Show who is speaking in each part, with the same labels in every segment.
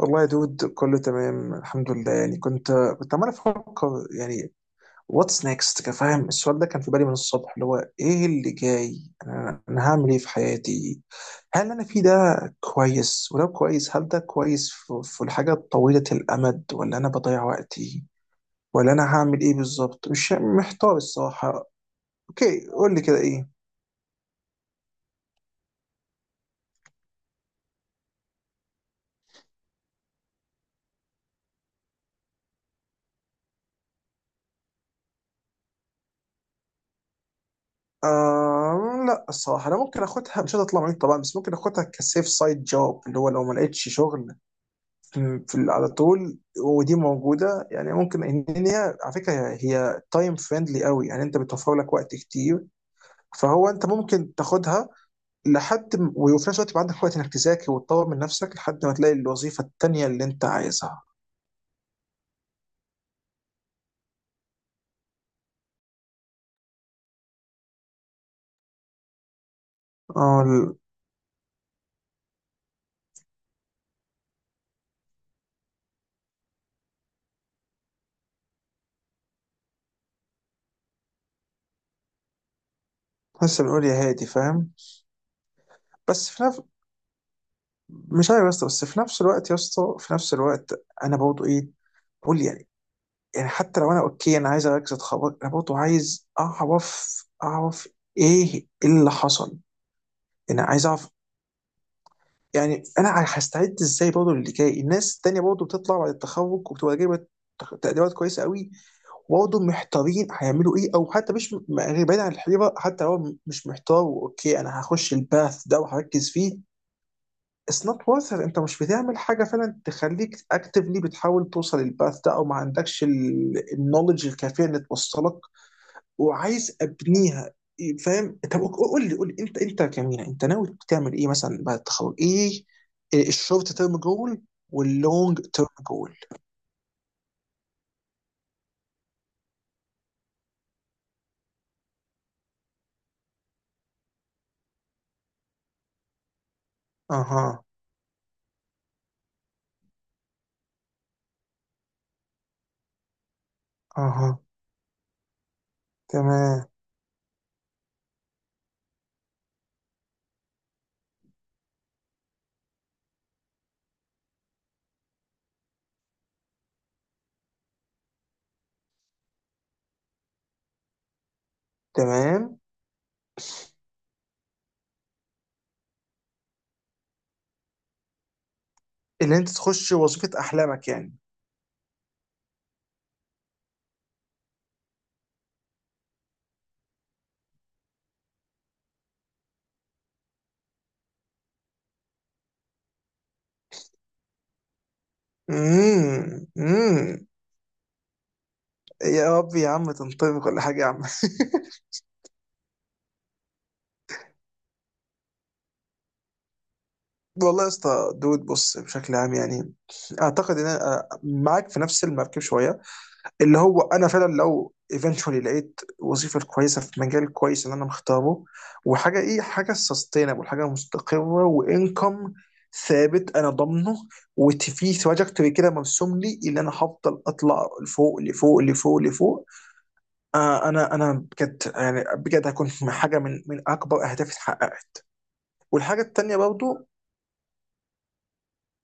Speaker 1: والله يا دود، كله تمام الحمد لله. يعني كنت عمال افكر، يعني واتس نيكست، كفاهم. السؤال ده كان في بالي من الصبح، اللي هو ايه اللي جاي. انا هعمل ايه في حياتي؟ هل اللي انا في ده كويس؟ ولو كويس، هل ده كويس في الحاجه طويله الامد، ولا انا بضيع وقتي؟ ولا انا هعمل ايه بالظبط؟ مش محتار الصراحه. اوكي، قول لي كده ايه. آه لا الصراحه، انا ممكن اخدها. مش هتطلع معاك طبعا، بس ممكن اخدها كسيف سايد جوب، اللي هو لو ما لقيتش شغل على طول، ودي موجوده يعني. ممكن ان هي على فكره، هي تايم فريندلي قوي يعني، انت بتوفر لك وقت كتير. فهو انت ممكن تاخدها وفي نفس الوقت يبقى عندك وقت انك تذاكر وتطور من نفسك، لحد ما تلاقي الوظيفه التانيه اللي انت عايزها. اه لسه بنقول يا هادي، فاهم. بس في نفس مش عارف يا اسطى. بس في نفس الوقت يا اسطى، في نفس الوقت انا برضه ايه، بقول يعني. يعني حتى لو انا اوكي، انا عايز اركز اتخرج، انا برضه عايز اعرف ايه اللي حصل. انا عايز اعرف، يعني انا هستعد ازاي برضه للي جاي. الناس التانية برضه بتطلع بعد التخرج وبتبقى جايبه تقديرات كويسه قوي، وبرضه محتارين هيعملوا ايه. او حتى مش م- يعني بعيد عن الحيره، حتى لو مش محتار، اوكي انا هخش الباث ده وهركز فيه. اتس نوت worth it. انت مش بتعمل حاجه فعلا تخليك اكتفلي، بتحاول توصل للباث ده، او ما عندكش النولج الكافيه اللي توصلك وعايز ابنيها، فاهم؟ طب قول لي انت كمينا، انت ناوي تعمل ايه مثلا بعد التخرج؟ ايه الشورت تيرم جول واللونج تيرم جول؟ اها، اها. تمام، تمام. اللي انت تخش وظيفة احلامك يعني. امم، امم. يا رب يا عم تنطبق كل حاجة يا عم. والله يا اسطى دود، بص بشكل عام يعني اعتقد ان انا معاك في نفس المركب شوية. اللي هو انا فعلا لو ايفينشولي لقيت وظيفه كويسه في مجال كويس اللي انا مختاره، وحاجه ايه، حاجه سستينبل، حاجه مستقره وانكم ثابت انا ضامنه، وفي تراجكتوري كده مرسوم لي، اللي انا هفضل اطلع لفوق لفوق لفوق لفوق. انا بجد يعني، بجد هكون حاجه من اكبر اهدافي اتحققت. والحاجه التانيه برضو،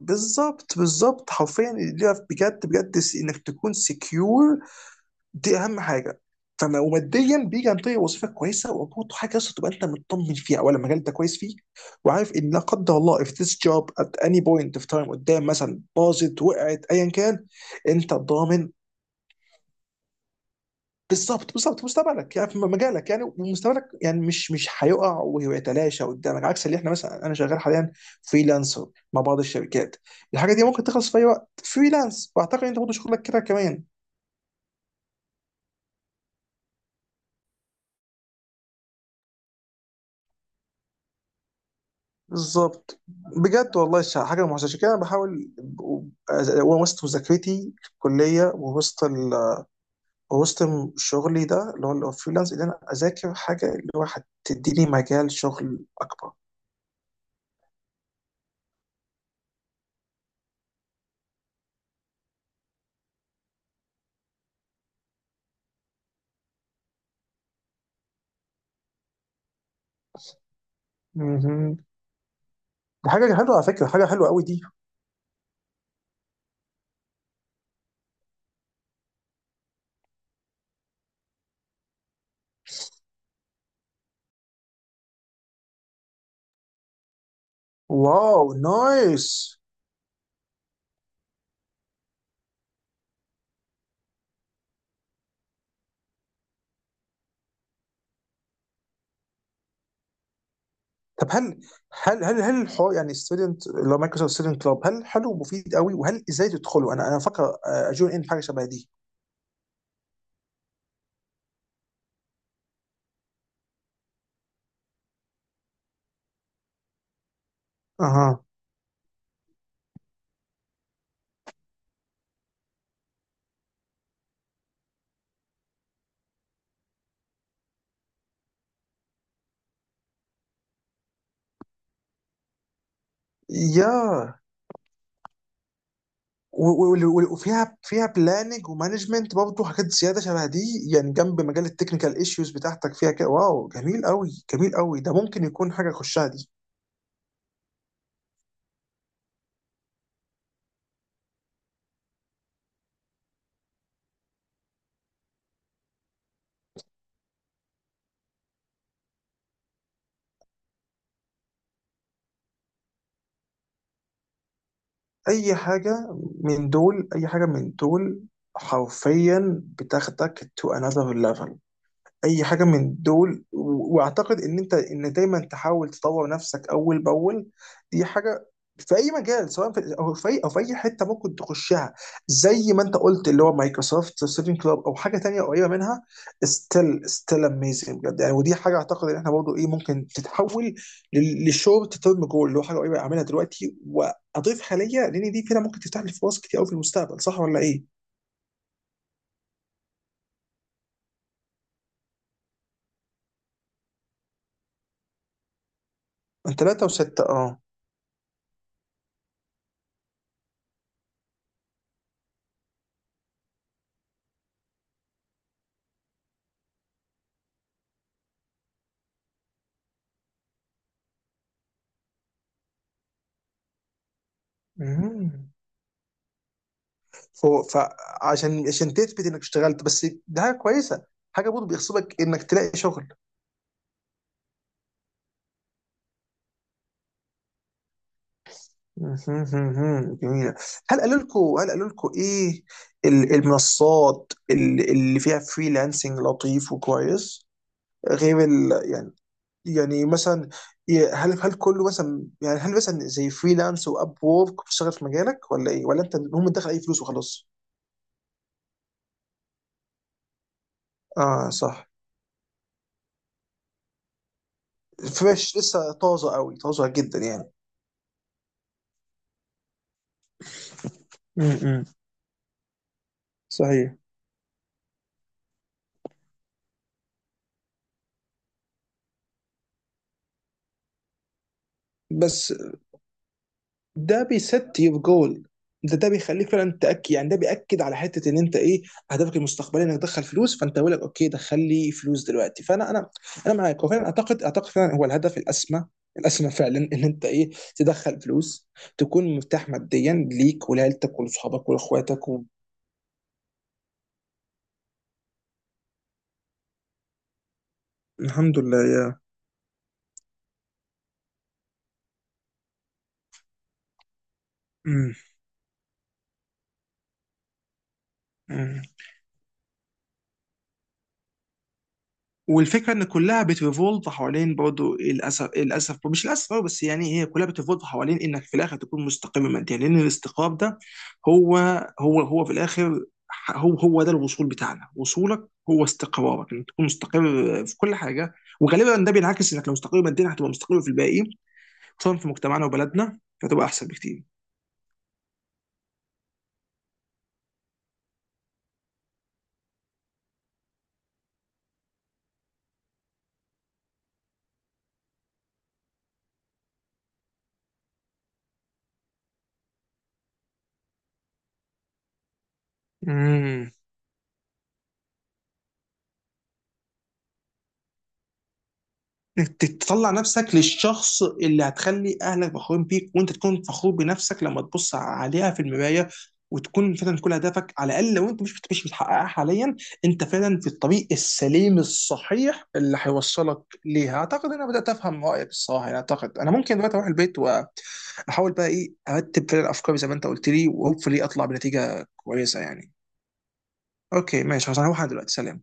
Speaker 1: بالظبط بالظبط، حرفيا اللي ليها، بجد بجد، انك تكون سكيور. دي اهم حاجه. فما وماديا بيجي عن طريق وظيفه كويسه، وبرضه حاجه اصلا تبقى انت مطمن فيها، اولا المجال انت كويس فيه. وعارف ان لا قدر الله if this job at any point of time قدام، مثلا باظت وقعت ايا كان، انت ضامن. بالظبط بالظبط، مستقبلك يعني في مجالك يعني، ومستقبلك يعني مش هيقع ويتلاشى قدامك، عكس اللي احنا مثلا. انا شغال حاليا فريلانسر مع بعض الشركات. الحاجه دي ممكن تخلص في اي وقت فريلانس، واعتقد انت برضه شغلك كده كمان. بالظبط. بجد والله، حاجه محزنه، عشان كده انا بحاول وسط مذاكرتي في الكليه، ووسط شغلي ده اللي هو فريلانس، ان انا اذاكر حاجه اللي هو هتديني مجال شغل اكبر. مهم. دي حاجه حلوه على فكره، حاجه حلوه قوي دي. واو نايس. طب هل الحوار يعني ستودنت، اللي هو مايكروسوفت ستودنت كلاب، هل حلو ومفيد قوي؟ وهل ازاي تدخله؟ انا فاكر اجون ان حاجه شبه دي. اها. يا وفيها بلاننج ومانجمنت، برضه حاجات زياده شبه دي. يعني جنب مجال التكنيكال ايشوز بتاعتك فيها كده. واو جميل قوي، جميل قوي. ده ممكن يكون حاجه اخشها دي. اي حاجه من دول، اي حاجه من دول حرفيا بتاخدك تو انذر ليفل. اي حاجه من دول. واعتقد ان انت دايما تحاول تطور نفسك اول باول. دي حاجه في اي مجال، سواء في او في اي او في اي حته ممكن تخشها. زي ما انت قلت، اللي هو مايكروسوفت سيفين كلاب او حاجه تانية قريبه منها. ستيل اميزنج بجد يعني. ودي حاجه اعتقد ان احنا برضه ايه ممكن تتحول للشورت تيرم جول، اللي هو حاجه قريبه اعملها دلوقتي واضيف حاليا، لان دي فينا ممكن تفتح لي فرص كتير قوي في المستقبل. صح ولا ايه؟ من ثلاثه وسته، اه. مم. فعشان تثبت انك اشتغلت، بس ده حاجه كويسه، حاجه برضه بيغصبك انك تلاقي شغل. مهم. جميله. هل قالوا لكم ايه المنصات اللي فيها فريلانسنج لطيف وكويس، غير ال يعني. يعني مثلا، هل كله مثلا يعني، هل مثلا زي فريلانس واب وورك بتشتغل في مجالك، ولا ايه؟ ولا انت هم دخل اي فلوس وخلاص؟ اه صح. فريش لسه، طازه قوي، طازه جدا يعني. امم، صحيح. بس ده بيست يور جول. ده بيخليك فعلا تاكد يعني، ده بياكد على حته، ان انت ايه، اهدافك المستقبليه انك تدخل فلوس. فانت بيقول لك اوكي، دخل لي فلوس دلوقتي، فانا انا انا معاك. وفعلا اعتقد فعلا هو الهدف الاسمى، الاسمى فعلا، ان انت ايه، تدخل فلوس، تكون مرتاح ماديا ليك ولعيلتك ولصحابك ولاخواتك و... الحمد لله يا. مم. مم. والفكره ان كلها بتريفولت حوالين، برضه للاسف للاسف، مش للاسف أوي، بس يعني هي كلها بتريفولت حوالين انك في الاخر تكون مستقر ماديا، لان الاستقرار ده هو هو في الاخر هو ده الوصول بتاعنا، وصولك هو استقرارك، انك تكون مستقر في كل حاجه. وغالبا ده بينعكس انك لو مستقر ماديا هتبقى مستقر في الباقي، خصوصا في مجتمعنا وبلدنا فهتبقى احسن بكتير. مم. انك تطلع نفسك للشخص اللي هتخلي اهلك فخورين بيك، وانت تكون فخور بنفسك لما تبص عليها في المرايه، وتكون فعلا كل هدفك. على الاقل لو انت مش بتحققها حاليا، انت فعلا في الطريق السليم الصحيح اللي هيوصلك ليها. اعتقد ان انا بدات افهم رايك الصراحه يعني. اعتقد انا ممكن دلوقتي اروح البيت، واحاول بقى ايه ارتب فعلا افكاري زي ما انت قلت لي، وهوبفلي اطلع بنتيجه كويسه يعني. اوكي ماشي خلاص، انا هروح. أنا دلوقتي سلام.